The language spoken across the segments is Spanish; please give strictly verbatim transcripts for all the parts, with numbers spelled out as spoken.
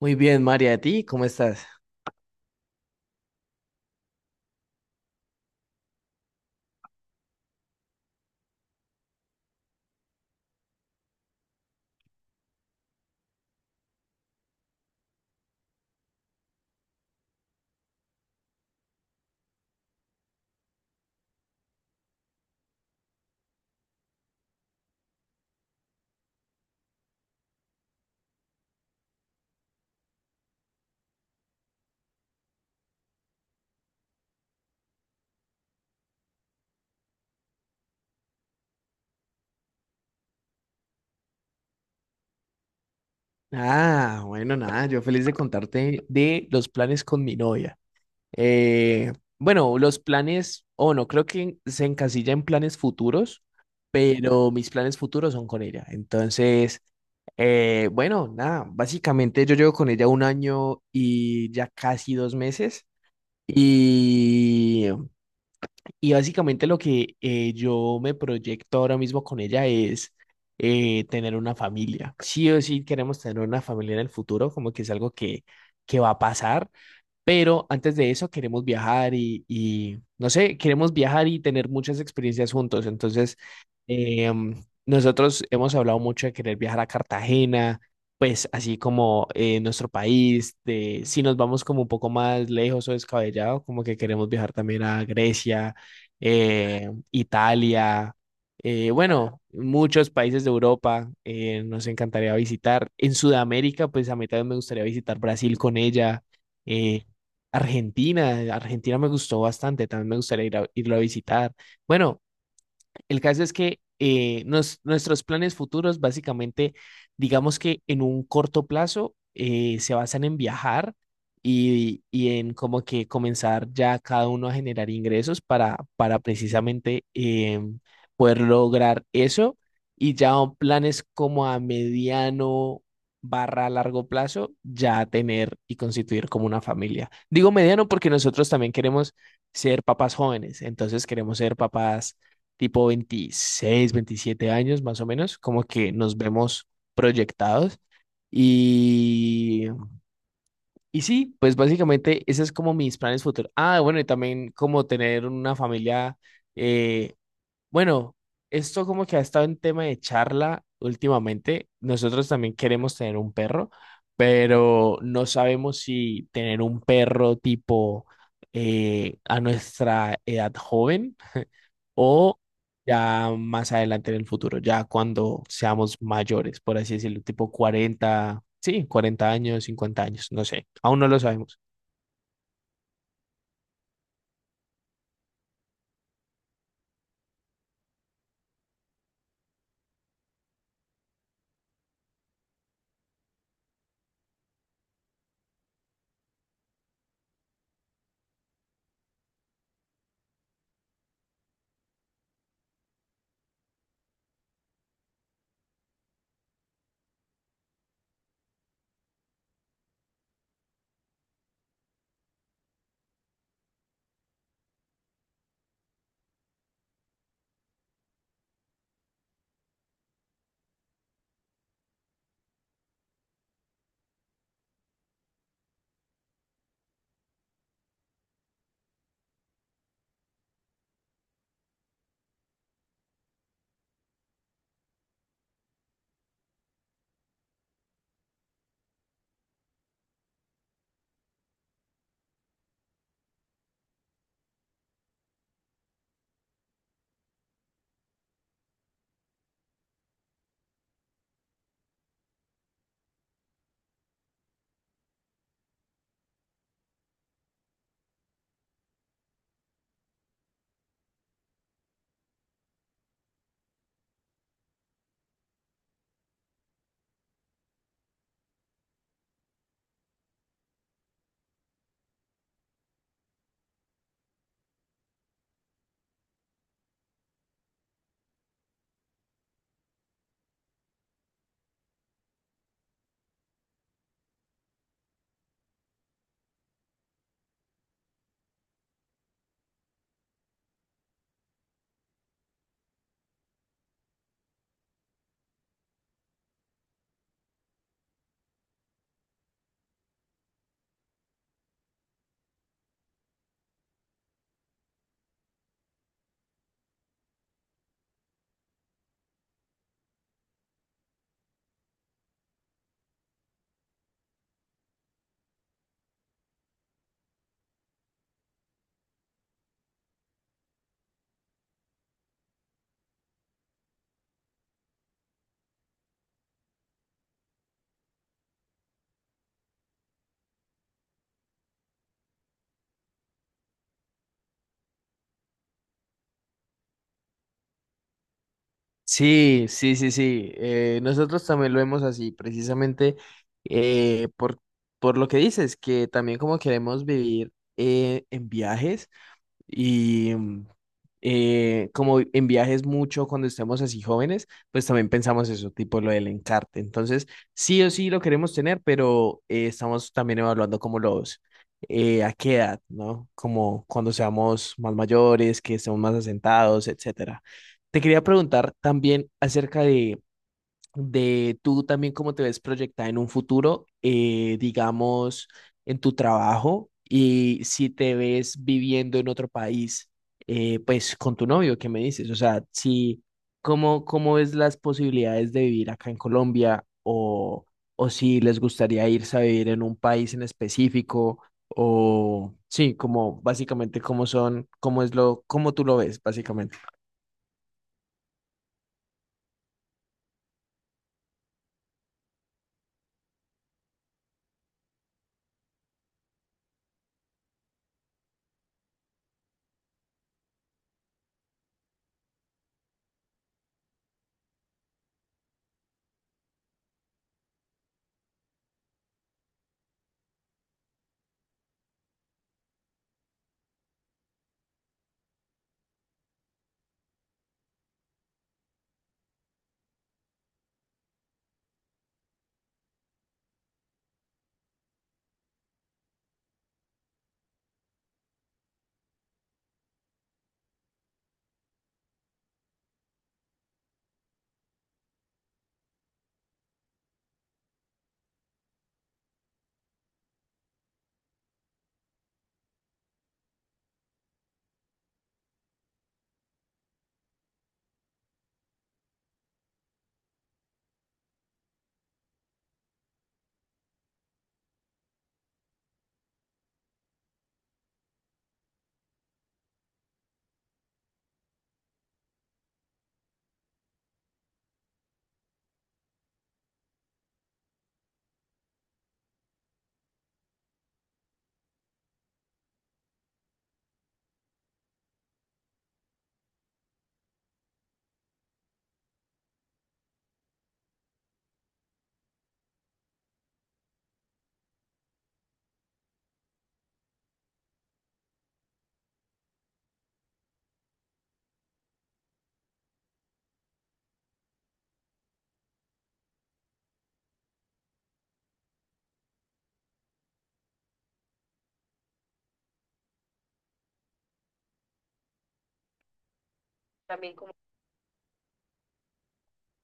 Muy bien, María, ¿a ti cómo estás? Ah, bueno, nada, yo feliz de contarte de los planes con mi novia. Eh, bueno, los planes, o no, creo que se encasilla en planes futuros, pero mis planes futuros son con ella. Entonces, eh, bueno, nada, básicamente yo llevo con ella un año y ya casi dos meses. Y Y básicamente lo que eh, yo me proyecto ahora mismo con ella es eh, tener una familia. Sí o sí queremos tener una familia en el futuro, como que es algo que, que va a pasar. Pero antes de eso queremos viajar y, y, no sé, queremos viajar y tener muchas experiencias juntos. Entonces, em, nosotros hemos hablado mucho de querer viajar a Cartagena, pues así como eh, nuestro país, de, si nos vamos como un poco más lejos o descabellado, como que queremos viajar también a Grecia, eh, Italia, eh, bueno, muchos países de Europa eh, nos encantaría visitar. En Sudamérica, pues a mí también me gustaría visitar Brasil con ella, eh, Argentina, Argentina me gustó bastante, también me gustaría ir a, irlo a visitar. Bueno, el caso es que eh, nos- nuestros planes futuros, básicamente, digamos que en un corto plazo, eh, se basan en viajar y, y en como que comenzar ya cada uno a generar ingresos para, para precisamente, em, poder lograr eso. Y ya planes como a mediano barra largo plazo, ya tener y constituir como una familia. Digo mediano porque nosotros también queremos ser papás jóvenes, entonces queremos ser papás tipo veintiséis, veintisiete años más o menos, como que nos vemos proyectados. Y, y sí, pues básicamente ese es como mis planes futuros. Ah, bueno, y también como tener una familia, eh, bueno, esto como que ha estado en tema de charla últimamente. Nosotros también queremos tener un perro, pero no sabemos si tener un perro tipo, eh, a nuestra edad joven, o ya más adelante en el futuro, ya cuando seamos mayores, por así decirlo, tipo cuarenta, sí, cuarenta años, cincuenta años, no sé, aún no lo sabemos. Sí, sí, sí, sí. Eh, nosotros también lo vemos así, precisamente, eh, por, por lo que dices, que también como queremos vivir eh, en viajes. Y mm, eh, como en viajes mucho cuando estemos así jóvenes, pues también pensamos eso, tipo lo del encarte. Entonces, sí o sí lo queremos tener, pero eh, estamos también evaluando como los, eh, a qué edad, ¿no? Como cuando seamos más mayores, que estemos más asentados, etcétera. Te quería preguntar también acerca de de tú también cómo te ves proyectada en un futuro, eh, digamos, en tu trabajo y si te ves viviendo en otro país, eh, pues con tu novio, ¿qué me dices? O sea, si, ¿cómo, cómo ves las posibilidades de vivir acá en Colombia, o, o si les gustaría irse a vivir en un país en específico? O sí, como básicamente cómo son, cómo es lo, cómo tú lo ves, básicamente.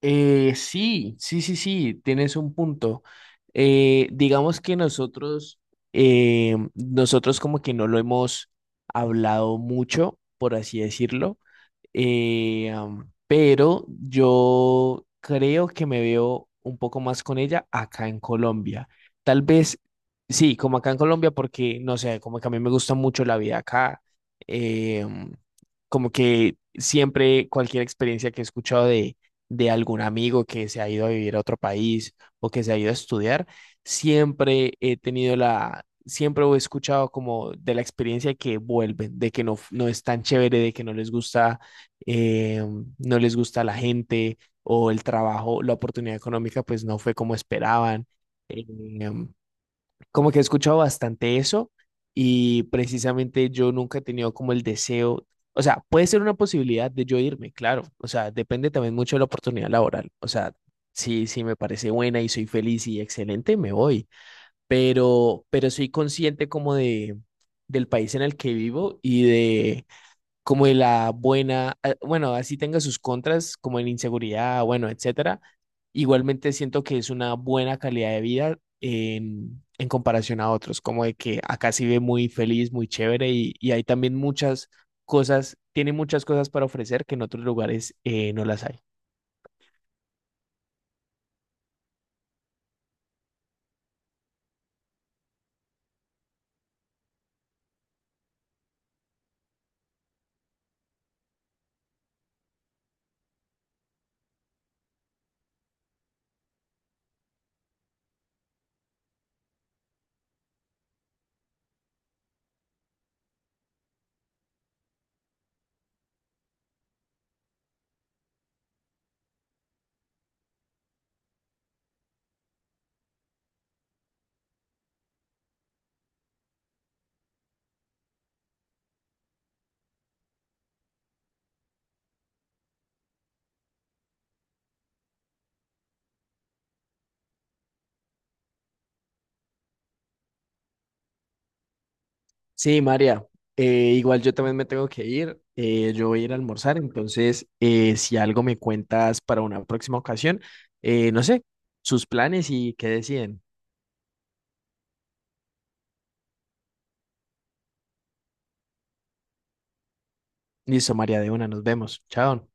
Eh, sí, sí, sí, sí, tienes un punto. Eh, digamos que nosotros, eh, nosotros como que no lo hemos hablado mucho, por así decirlo. Eh, am, pero yo creo que me veo un poco más con ella acá en Colombia. Tal vez, sí, como acá en Colombia, porque no sé, como que a mí me gusta mucho la vida acá. eh, Como que siempre cualquier experiencia que he escuchado de, de algún amigo que se ha ido a vivir a otro país o que se ha ido a estudiar, siempre he tenido la, siempre he escuchado como de la experiencia que vuelven, de que no, no es tan chévere, de que no les gusta, eh, no les gusta la gente o el trabajo, la oportunidad económica pues no fue como esperaban. Eh, Como que he escuchado bastante eso y precisamente yo nunca he tenido como el deseo, o sea, puede ser una posibilidad de yo irme, claro, o sea, depende también mucho de la oportunidad laboral, o sea, si, si me parece buena y soy feliz y excelente, me voy, pero, pero soy consciente como de, del país en el que vivo y de como de la buena, eh, bueno, así tenga sus contras, como en inseguridad, bueno, etcétera. Igualmente siento que es una buena calidad de vida en, en comparación a otros, como de que acá se vive muy feliz, muy chévere y, y hay también muchas cosas, tiene muchas cosas para ofrecer que en otros lugares eh, no las hay. Sí, María, eh, igual yo también me tengo que ir, eh, yo voy a ir a almorzar, entonces, eh, si algo me cuentas para una próxima ocasión, eh, no sé, sus planes y qué deciden. Listo, María de una, nos vemos. Chao.